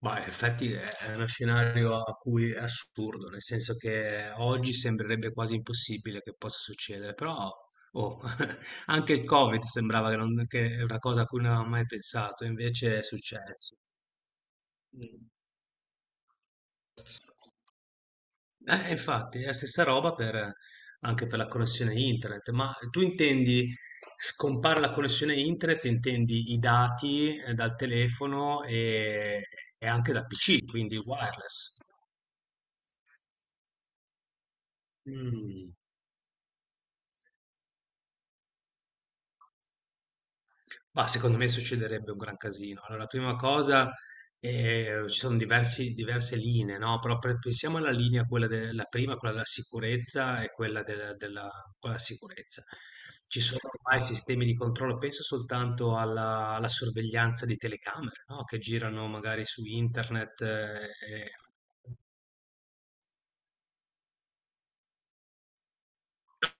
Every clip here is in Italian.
Ma in effetti è uno scenario a cui è assurdo, nel senso che oggi sembrerebbe quasi impossibile che possa succedere, però oh, anche il Covid sembrava che, che è una cosa a cui non avevamo mai pensato, invece è successo. Mm. Infatti è la stessa roba anche per la connessione internet, ma tu intendi, scompare la connessione internet? Intendi i dati, dal telefono e anche dal PC, quindi wireless. Mm. Mah, secondo me succederebbe un gran casino. Allora, la prima cosa, ci sono diversi diverse linee, no, però pre pensiamo alla linea, quella de la prima, quella della sicurezza e quella della sicurezza. Ci sono ormai sistemi di controllo, penso soltanto alla sorveglianza di telecamere, no, che girano magari su internet.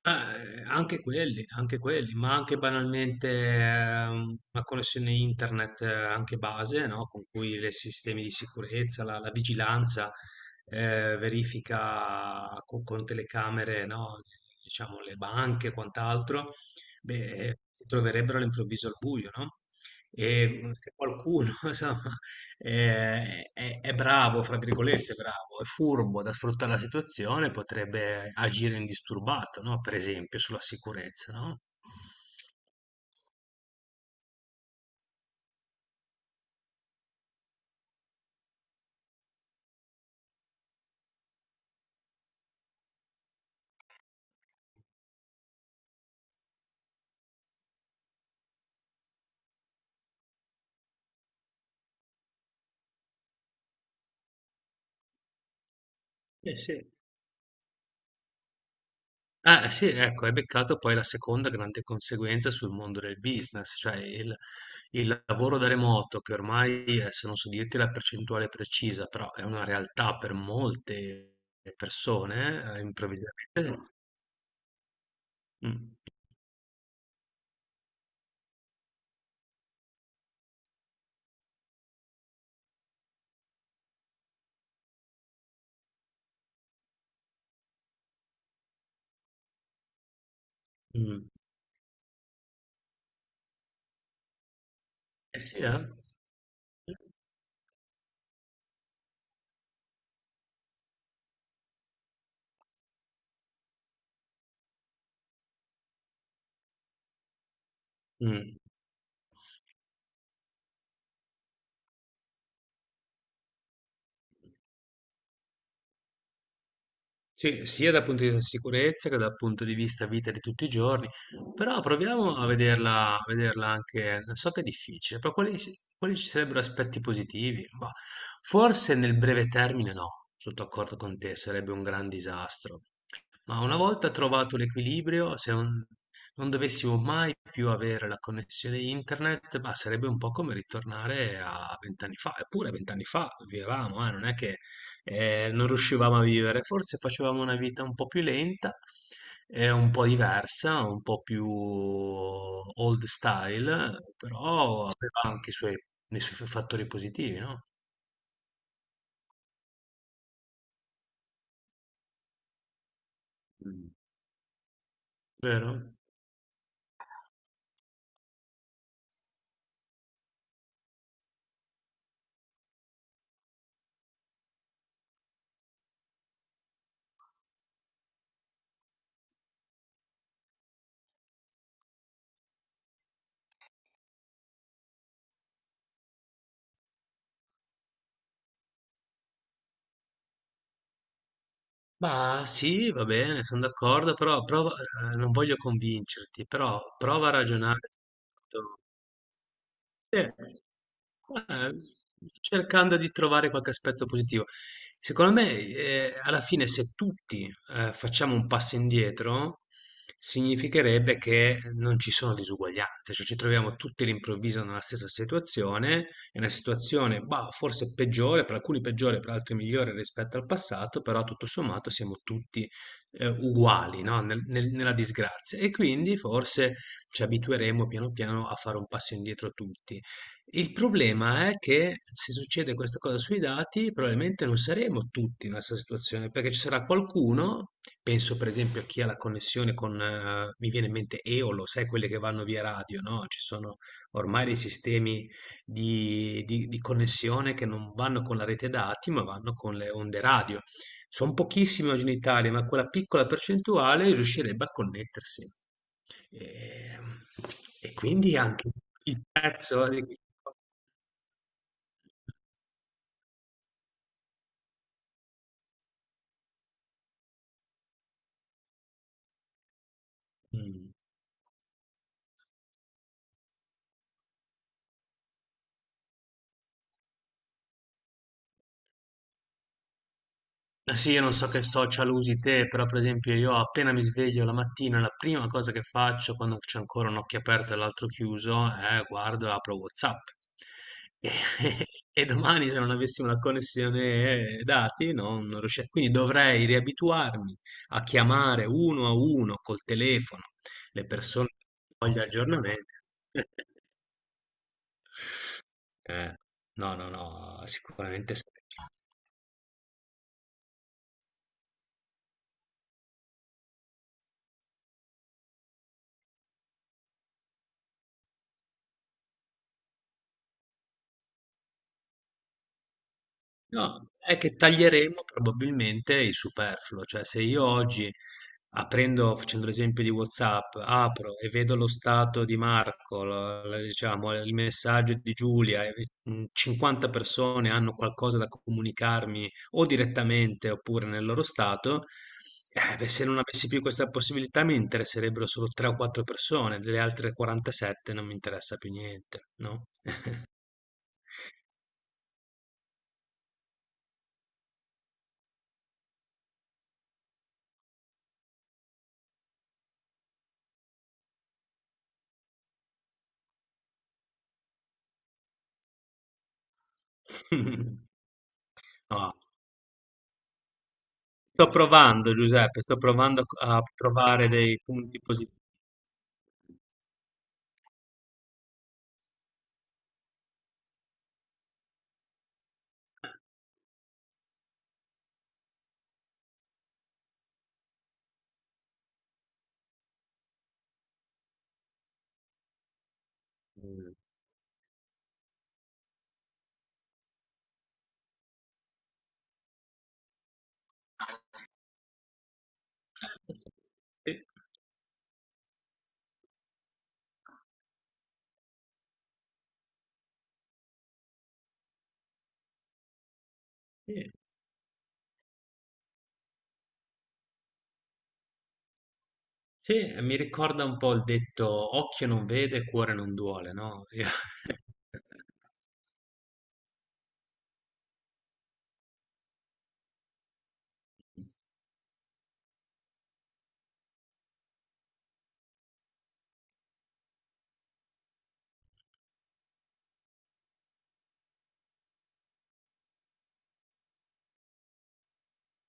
Ma, anche quelli, ma anche banalmente una connessione internet anche base, no? Con cui i sistemi di sicurezza, la vigilanza verifica con, telecamere, no? Diciamo le banche e quant'altro, beh, si troverebbero all'improvviso al buio, no? E se qualcuno, insomma, è bravo, fra virgolette, bravo, è furbo da sfruttare la situazione, potrebbe agire indisturbato, no? Per esempio sulla sicurezza, no? Eh sì. Ah, sì, ecco, hai beccato poi la seconda grande conseguenza sul mondo del business, cioè il lavoro da remoto, che ormai, se non so dirti la percentuale precisa, però è una realtà per molte persone, improvvisamente. Mm, mm. Eh sì, eh? Mm. Sì, sia dal punto di vista sicurezza che dal punto di vista vita di tutti i giorni, però proviamo a vederla anche, so che è difficile, però quali ci sarebbero aspetti positivi? Bah, forse nel breve termine no, sono d'accordo con te, sarebbe un gran disastro, ma una volta trovato l'equilibrio, se non dovessimo mai più avere la connessione internet, bah, sarebbe un po' come ritornare a 20 anni fa, eppure 20 anni fa vivevamo, non è che non riuscivamo a vivere. Forse facevamo una vita un po' più lenta, un po' diversa, un po' più old style, però aveva anche i suoi fattori positivi, no? Mm. Vero? Ma sì, va bene, sono d'accordo, però non voglio convincerti, però prova a ragionare. Eh, eh, Cercando di trovare qualche aspetto positivo. Secondo me, alla fine, se tutti, facciamo un passo indietro, significherebbe che non ci sono disuguaglianze, cioè ci troviamo tutti all'improvviso nella stessa situazione, è una situazione, bah, forse peggiore, per alcuni peggiore, per altri migliore rispetto al passato, però tutto sommato siamo tutti, uguali, no, nella disgrazia. E quindi forse ci abitueremo piano piano a fare un passo indietro tutti. Il problema è che se succede questa cosa sui dati, probabilmente non saremo tutti nella stessa situazione, perché ci sarà qualcuno, penso per esempio a chi ha la connessione con, mi viene in mente Eolo, sai quelle che vanno via radio, no? Ci sono ormai dei sistemi di connessione che non vanno con la rete dati, ma vanno con le onde radio. Son pochissimi oggi in Italia, ma quella piccola percentuale riuscirebbe a connettersi. Ehm, e quindi anche il prezzo. mh. Eh sì, io non so che social usi te, però per esempio io appena mi sveglio la mattina, la prima cosa che faccio quando c'è ancora un occhio aperto e l'altro chiuso è guardo e apro WhatsApp. E, e domani se non avessi una connessione dati non riuscirei. Quindi dovrei riabituarmi a chiamare uno a uno col telefono le persone che voglio aggiornamenti. Eh, no, no, no, sicuramente sì. No, è che taglieremo probabilmente il superfluo, cioè se io oggi aprendo, facendo l'esempio di WhatsApp, apro e vedo lo stato di Marco, diciamo, il messaggio di Giulia, e, 50 persone hanno qualcosa da comunicarmi o direttamente oppure nel loro stato, beh, se non avessi più questa possibilità mi interesserebbero solo 3 o 4 persone, delle altre 47 non mi interessa più niente, no? No. Sto provando, Giuseppe, sto provando a trovare dei punti positivi. Mm. Sì, sì, sì, mi ricorda un po' il detto occhio non vede, cuore non duole, no?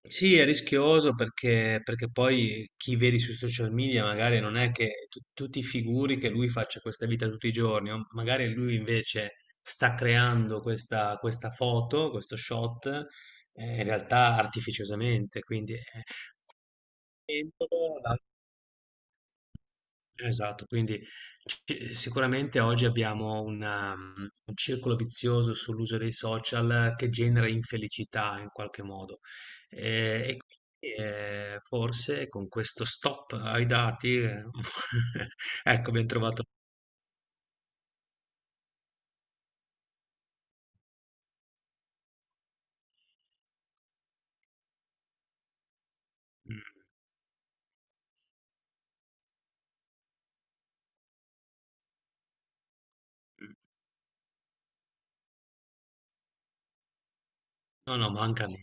Sì, è rischioso perché poi chi vedi sui social media magari non è che tu ti figuri che lui faccia questa vita tutti i giorni, o magari lui invece sta creando questa foto, questo shot, in realtà artificiosamente, quindi Mentola, Esatto, quindi sicuramente oggi abbiamo un circolo vizioso sull'uso dei social che genera infelicità in qualche modo. E quindi forse con questo stop ai dati, ecco, abbiamo trovato. mm, No, no, manca a me,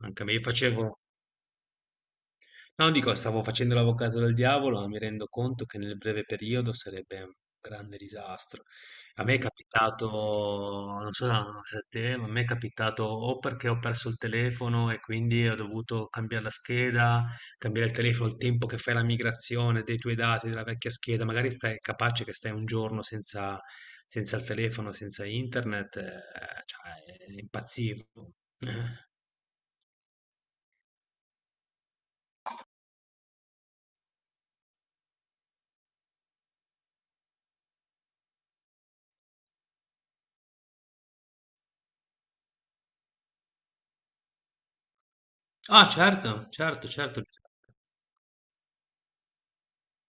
manca a me. Io facevo. No, dico, stavo facendo l'avvocato del diavolo, ma mi rendo conto che nel breve periodo sarebbe un grande disastro. A me è capitato, non so se a te, ma a me è capitato o perché ho perso il telefono e quindi ho dovuto cambiare la scheda, cambiare il telefono il tempo che fai la migrazione dei tuoi dati della vecchia scheda, magari stai capace che stai un giorno senza il telefono, senza internet, cioè, impazzivo. Ah, certo, certo, certo.